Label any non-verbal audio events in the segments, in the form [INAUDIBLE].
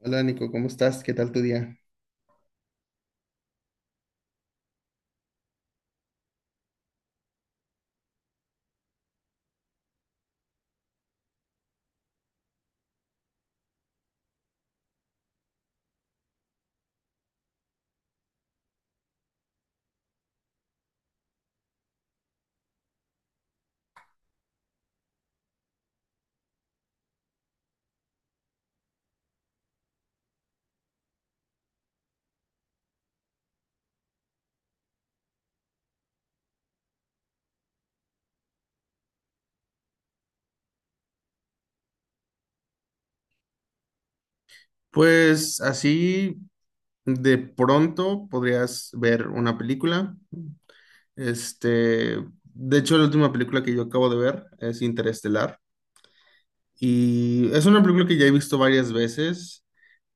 Hola Nico, ¿cómo estás? ¿Qué tal tu día? Pues así de pronto podrías ver una película. Este, de hecho, la última película que yo acabo de ver es Interestelar. Y es una película que ya he visto varias veces,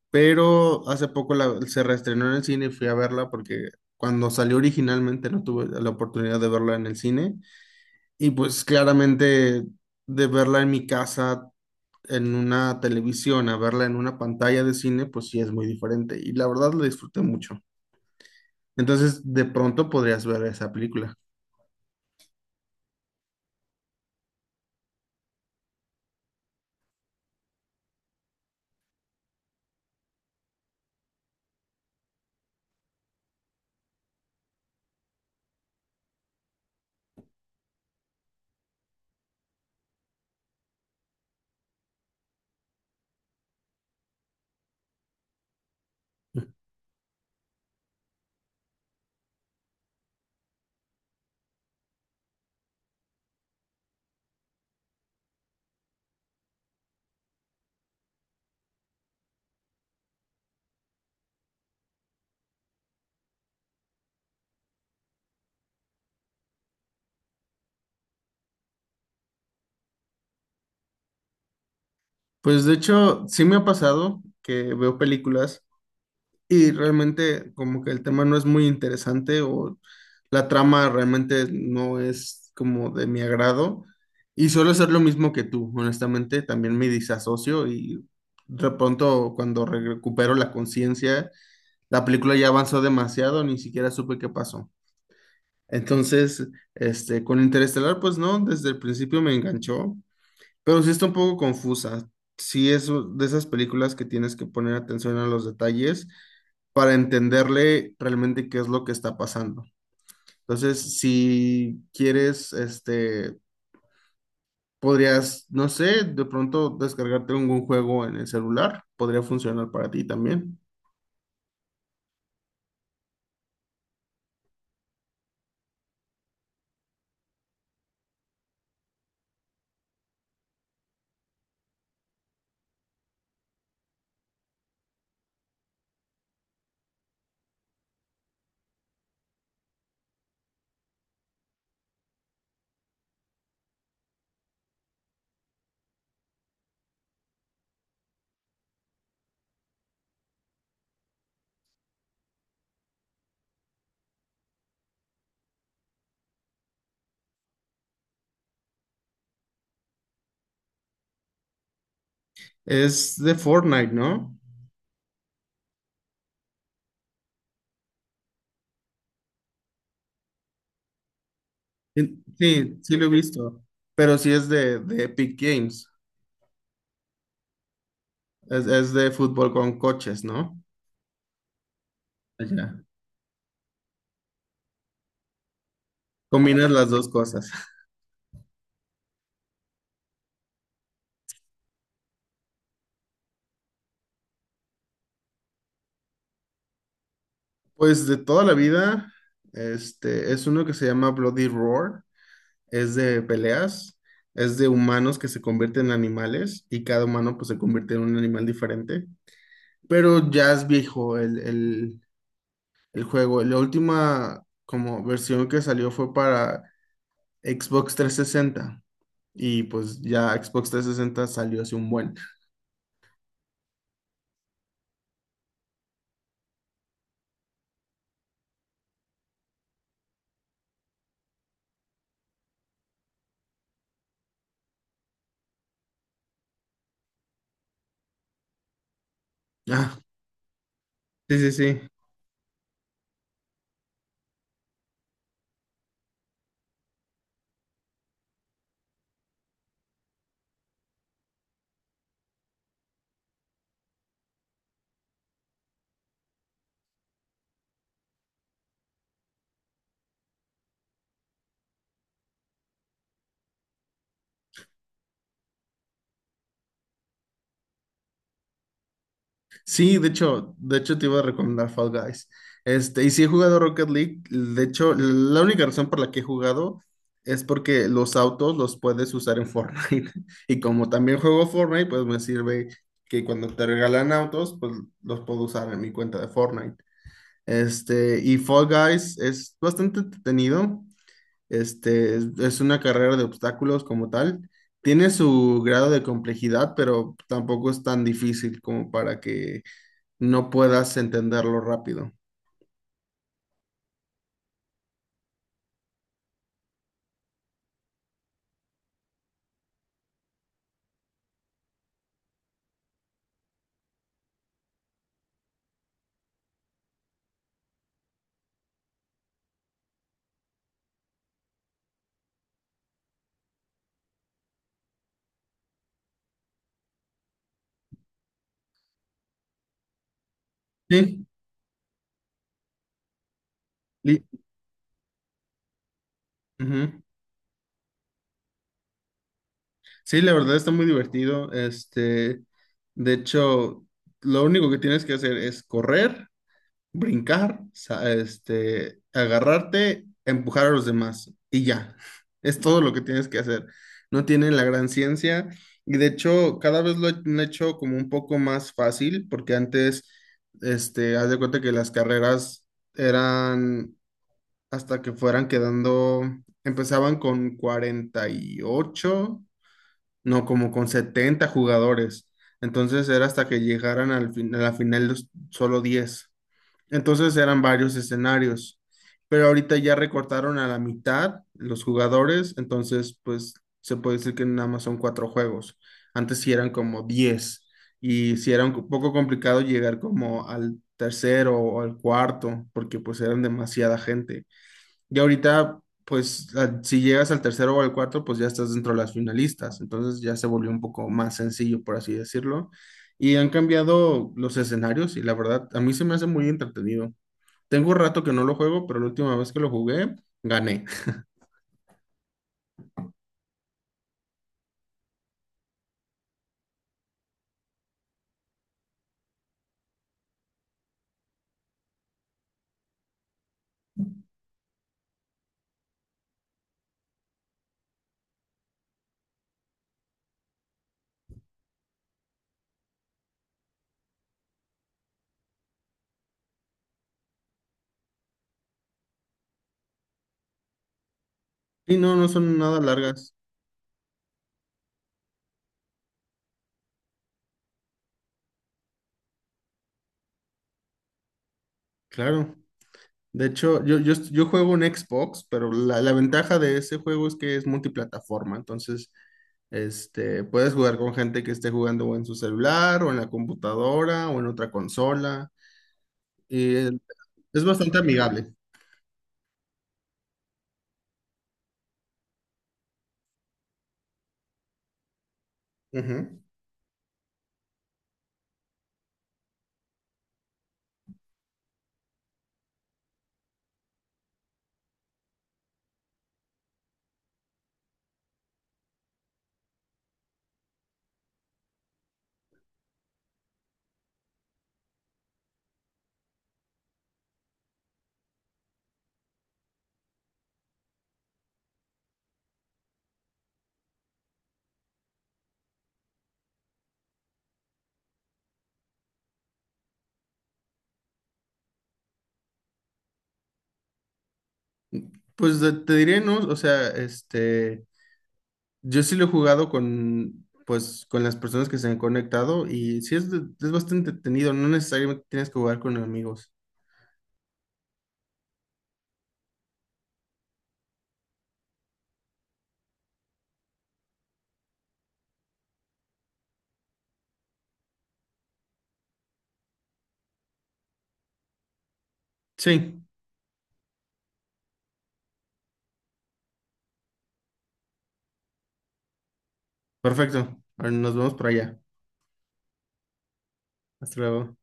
pero hace poco se reestrenó en el cine y fui a verla porque cuando salió originalmente no tuve la oportunidad de verla en el cine. Y pues claramente de verla en mi casa, en una televisión a verla en una pantalla de cine, pues sí es muy diferente. Y la verdad la disfruté mucho. Entonces, de pronto podrías ver esa película. Pues de hecho, sí me ha pasado que veo películas y realmente como que el tema no es muy interesante o la trama realmente no es como de mi agrado. Y suelo hacer lo mismo que tú, honestamente, también me disasocio y de pronto cuando recupero la conciencia, la película ya avanzó demasiado, ni siquiera supe qué pasó. Entonces, con Interestelar, pues no, desde el principio me enganchó, pero sí está un poco confusa. Sí es de esas películas que tienes que poner atención a los detalles para entenderle realmente qué es lo que está pasando. Entonces, si quieres, podrías, no sé, de pronto descargarte algún juego en el celular, podría funcionar para ti también. Es de Fortnite, ¿no? Sí, sí, sí, lo he visto, pero sí es de Epic Games. Es de fútbol con coches, ¿no? Ya. Combinas las dos cosas. Pues de toda la vida, es uno que se llama Bloody Roar, es de peleas, es de humanos que se convierten en animales y cada humano pues se convierte en un animal diferente. Pero ya es viejo el juego. La última como versión que salió fue para Xbox 360, y pues ya Xbox 360 salió hace un buen. Ah, sí, sí, sí. Sí, de hecho te iba a recomendar Fall Guys. Y si he jugado Rocket League, de hecho, la única razón por la que he jugado es porque los autos los puedes usar en Fortnite. [LAUGHS] Y como también juego Fortnite, pues me sirve que cuando te regalan autos, pues los puedo usar en mi cuenta de Fortnite. Y Fall Guys es bastante entretenido. Es una carrera de obstáculos como tal. Tiene su grado de complejidad, pero tampoco es tan difícil como para que no puedas entenderlo rápido. Sí, li- ujú. Sí, la verdad está muy divertido. De hecho, lo único que tienes que hacer es correr, brincar, agarrarte, empujar a los demás y ya. Es todo lo que tienes que hacer. No tienen la gran ciencia, y de hecho cada vez lo han hecho como un poco más fácil porque antes, haz de cuenta que las carreras eran hasta que fueran quedando, empezaban con 48, no, como con 70 jugadores. Entonces era hasta que llegaran al a la final solo 10. Entonces eran varios escenarios, pero ahorita ya recortaron a la mitad los jugadores, entonces pues se puede decir que nada más son cuatro juegos. Antes sí eran como 10, y sí era un poco complicado llegar como al tercero o al cuarto porque pues eran demasiada gente. Y ahorita pues si llegas al tercero o al cuarto pues ya estás dentro de las finalistas, entonces ya se volvió un poco más sencillo por así decirlo. Y han cambiado los escenarios y la verdad a mí se me hace muy entretenido. Tengo un rato que no lo juego, pero la última vez que lo jugué, gané. Y no, no son nada largas. Claro. De hecho, yo juego en Xbox, pero la ventaja de ese juego es que es multiplataforma. Entonces, puedes jugar con gente que esté jugando o en su celular, o en la computadora, o en otra consola. Y eh, es bastante amigable. Ujú. Pues te diré, ¿no? O sea, yo sí lo he jugado con, pues, con las personas que se han conectado y sí es, es bastante entretenido, no necesariamente tienes que jugar con amigos. Sí, perfecto. Ahora nos vemos por allá. Hasta luego.